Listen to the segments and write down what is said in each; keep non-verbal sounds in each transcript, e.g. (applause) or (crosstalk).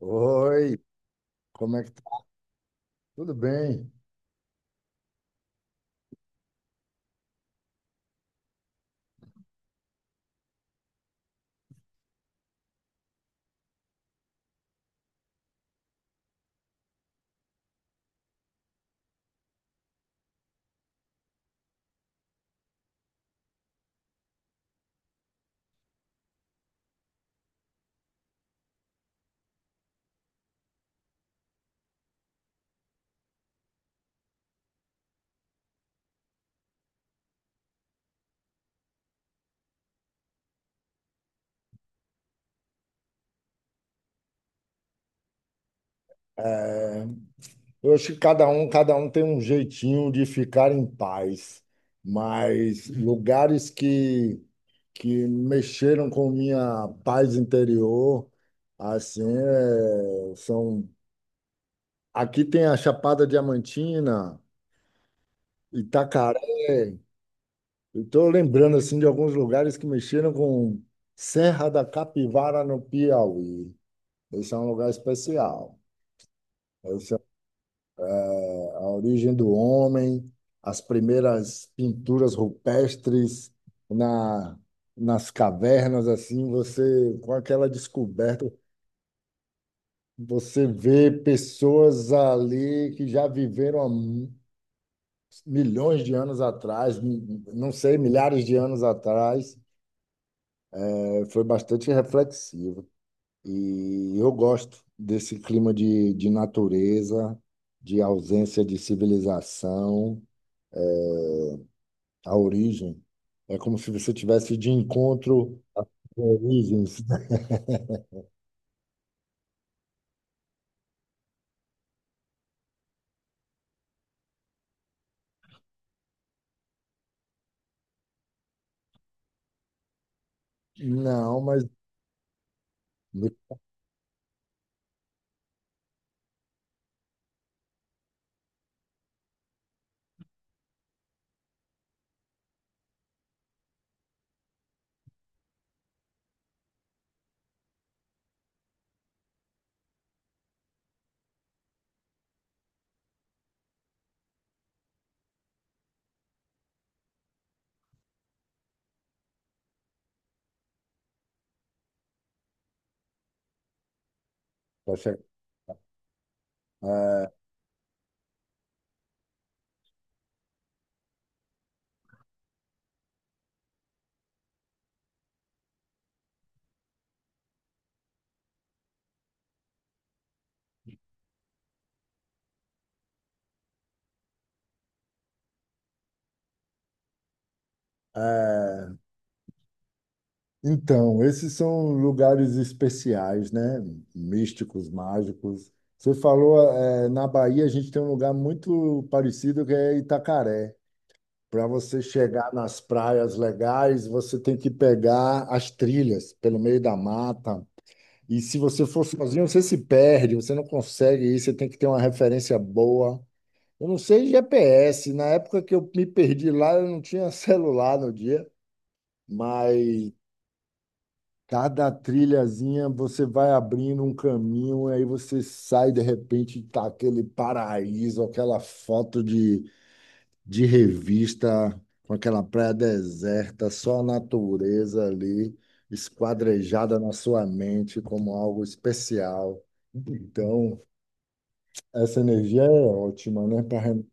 Oi, como é que tá? Tudo bem? É, eu acho que cada um tem um jeitinho de ficar em paz, mas lugares que mexeram com minha paz interior, assim, são... Aqui tem a Chapada Diamantina, Itacaré, estou lembrando, assim, de alguns lugares que mexeram com Serra da Capivara, no Piauí. Esse é um lugar especial. A origem do homem, as primeiras pinturas rupestres na, nas cavernas, assim, você, com aquela descoberta, você vê pessoas ali que já viveram milhões de anos atrás, não sei, milhares de anos atrás. É, foi bastante reflexivo. E eu gosto desse clima de natureza, de ausência de civilização. A origem. É como se você tivesse de encontro com origens. Não, mas. Tá certo. É, é, Então, esses são lugares especiais, né? Místicos, mágicos. Você falou, é, na Bahia a gente tem um lugar muito parecido que é Itacaré. Para você chegar nas praias legais, você tem que pegar as trilhas pelo meio da mata. E se você for sozinho, você se perde, você não consegue ir, você tem que ter uma referência boa. Eu não sei GPS, na época que eu me perdi lá, eu não tinha (laughs) celular no dia, mas cada trilhazinha você vai abrindo um caminho, aí você sai de repente e tá aquele paraíso, aquela foto de revista, com aquela praia deserta, só a natureza ali esquadrejada na sua mente como algo especial. Então, essa energia é ótima, né?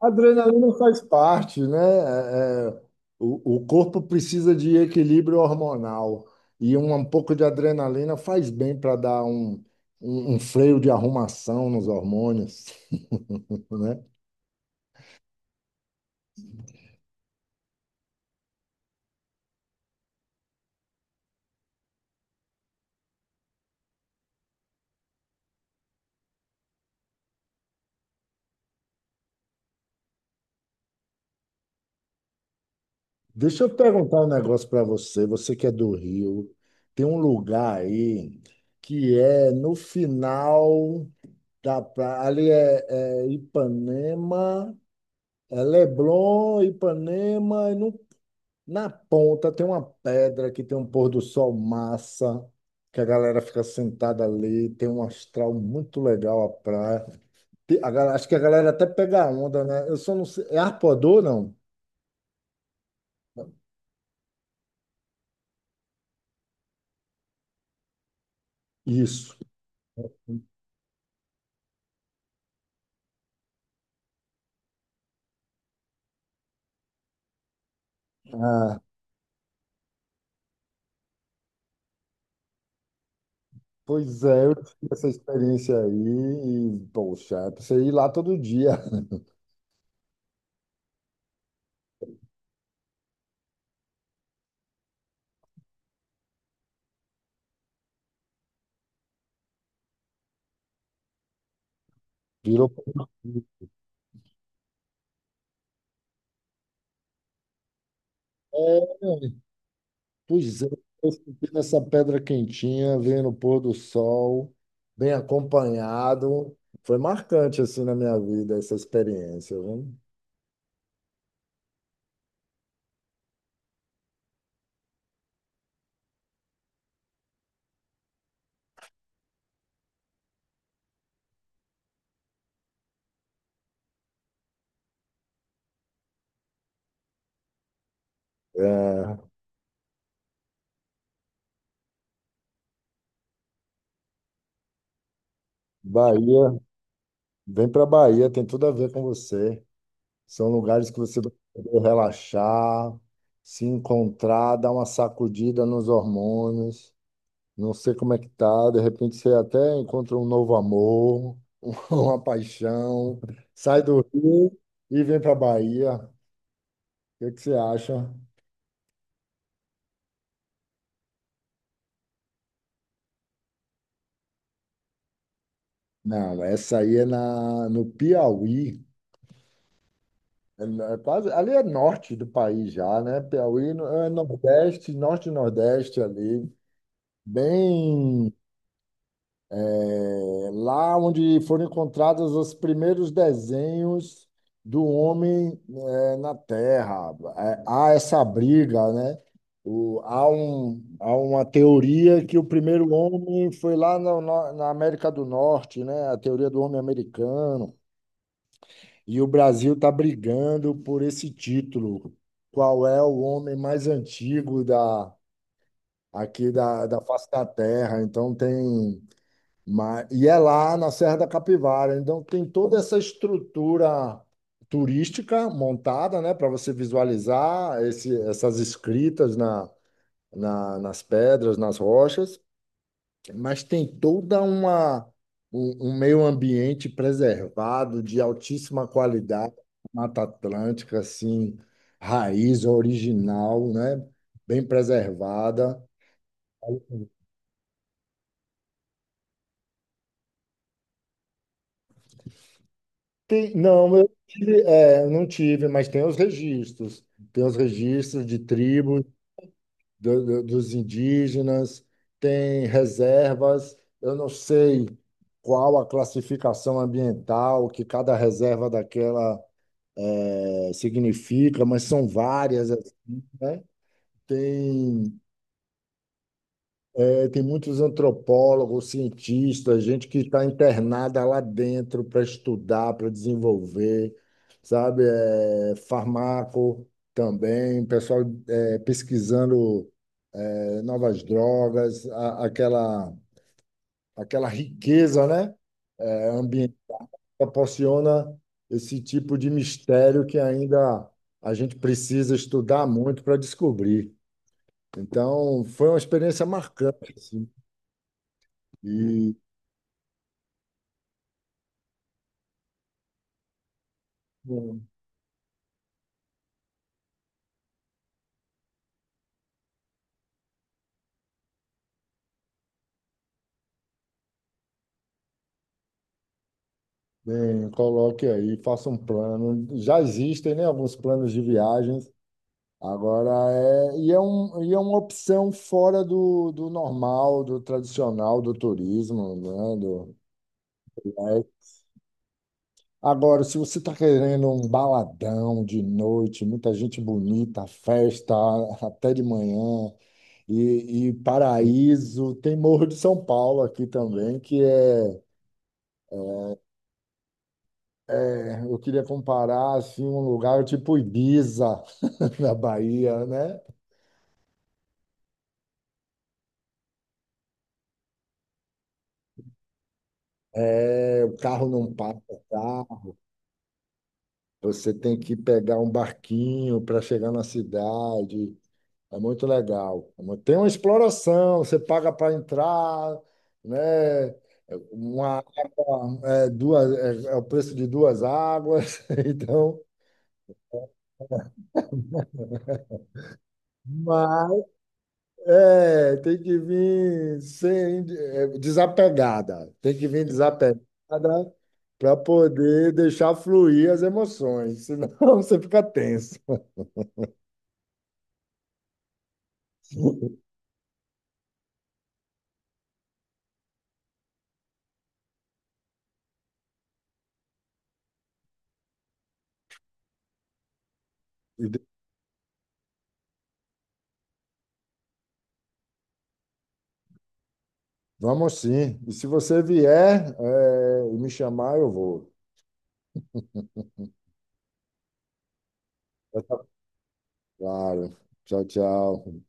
A adrenalina faz parte, né? O corpo precisa de equilíbrio hormonal e um pouco de adrenalina faz bem para dar um freio de arrumação nos hormônios, (laughs) né? Deixa eu perguntar um negócio para você. Você que é do Rio, tem um lugar aí que é no final da praia. Ali é Ipanema, é Leblon, Ipanema, e no, na ponta tem uma pedra que tem um pôr do sol massa, que a galera fica sentada ali, tem um astral muito legal a praia. Acho que a galera até pega a onda, né? Eu só não sei. É Arpoador, não? Isso. Pois é, eu tive essa experiência aí e, poxa, você ir lá todo dia. (laughs) Virou. É, pois é, eu fiquei nessa pedra quentinha, vendo o pôr do sol, bem acompanhado. Foi marcante, assim, na minha vida, essa experiência, viu? É, Bahia, vem para Bahia, tem tudo a ver com você. São lugares que você vai poder relaxar, se encontrar, dar uma sacudida nos hormônios. Não sei como é que tá, de repente você até encontra um novo amor, (laughs) uma paixão, sai do Rio e vem para Bahia. O que que você acha? Não, essa aí é no Piauí. É, é quase, ali é norte do país já, né? Piauí no- é Nordeste, Norte e Nordeste ali. Bem. É lá onde foram encontrados os primeiros desenhos do homem é, na Terra. É, há essa briga, né? Há uma teoria que o primeiro homem foi lá na América do Norte, né? A teoria do homem americano. E o Brasil está brigando por esse título. Qual é o homem mais antigo aqui da face da Terra? Então tem mas, e é lá na Serra da Capivara. Então, tem toda essa estrutura turística montada, né, para você visualizar esse, essas escritas nas pedras, nas rochas, mas tem toda uma, um meio ambiente preservado, de altíssima qualidade, Mata Atlântica, assim, raiz original, né, bem preservada. Não, é, não tive, mas tem os registros. Tem os registros de tribos, dos indígenas, tem reservas. Eu não sei qual a classificação ambiental que cada reserva daquela significa, mas são várias, assim, né? Tem Tem muitos antropólogos, cientistas, gente que está internada lá dentro para estudar, para desenvolver, sabe? É, farmaco também, pessoal é, pesquisando é, novas drogas, aquela riqueza, né? É, ambiente proporciona esse tipo de mistério que ainda a gente precisa estudar muito para descobrir. Então, foi uma experiência marcante, assim. E bem, coloque aí, faça um plano. Já existem, né, alguns planos de viagens. Agora e é uma opção fora do normal, do tradicional, do turismo, né? É. Agora, se você está querendo um baladão de noite, muita gente bonita, festa (laughs) até de manhã, e paraíso, tem Morro de São Paulo aqui também, que é, é, eu queria comparar assim, um lugar tipo Ibiza, (laughs) na Bahia, né? É, o carro não passa, tá? Você tem que pegar um barquinho para chegar na cidade. É muito legal. Tem uma exploração, você paga para entrar, né? É uma água, é, duas, é, é o preço de duas águas. (laughs) Então, mas é, tem que vir sem, é, desapegada. Tem que vir desapegada para poder deixar fluir as emoções, senão (laughs) você fica tenso. E vamos sim. E se você vier, me chamar, eu vou. Tá. Claro. Tchau, tchau.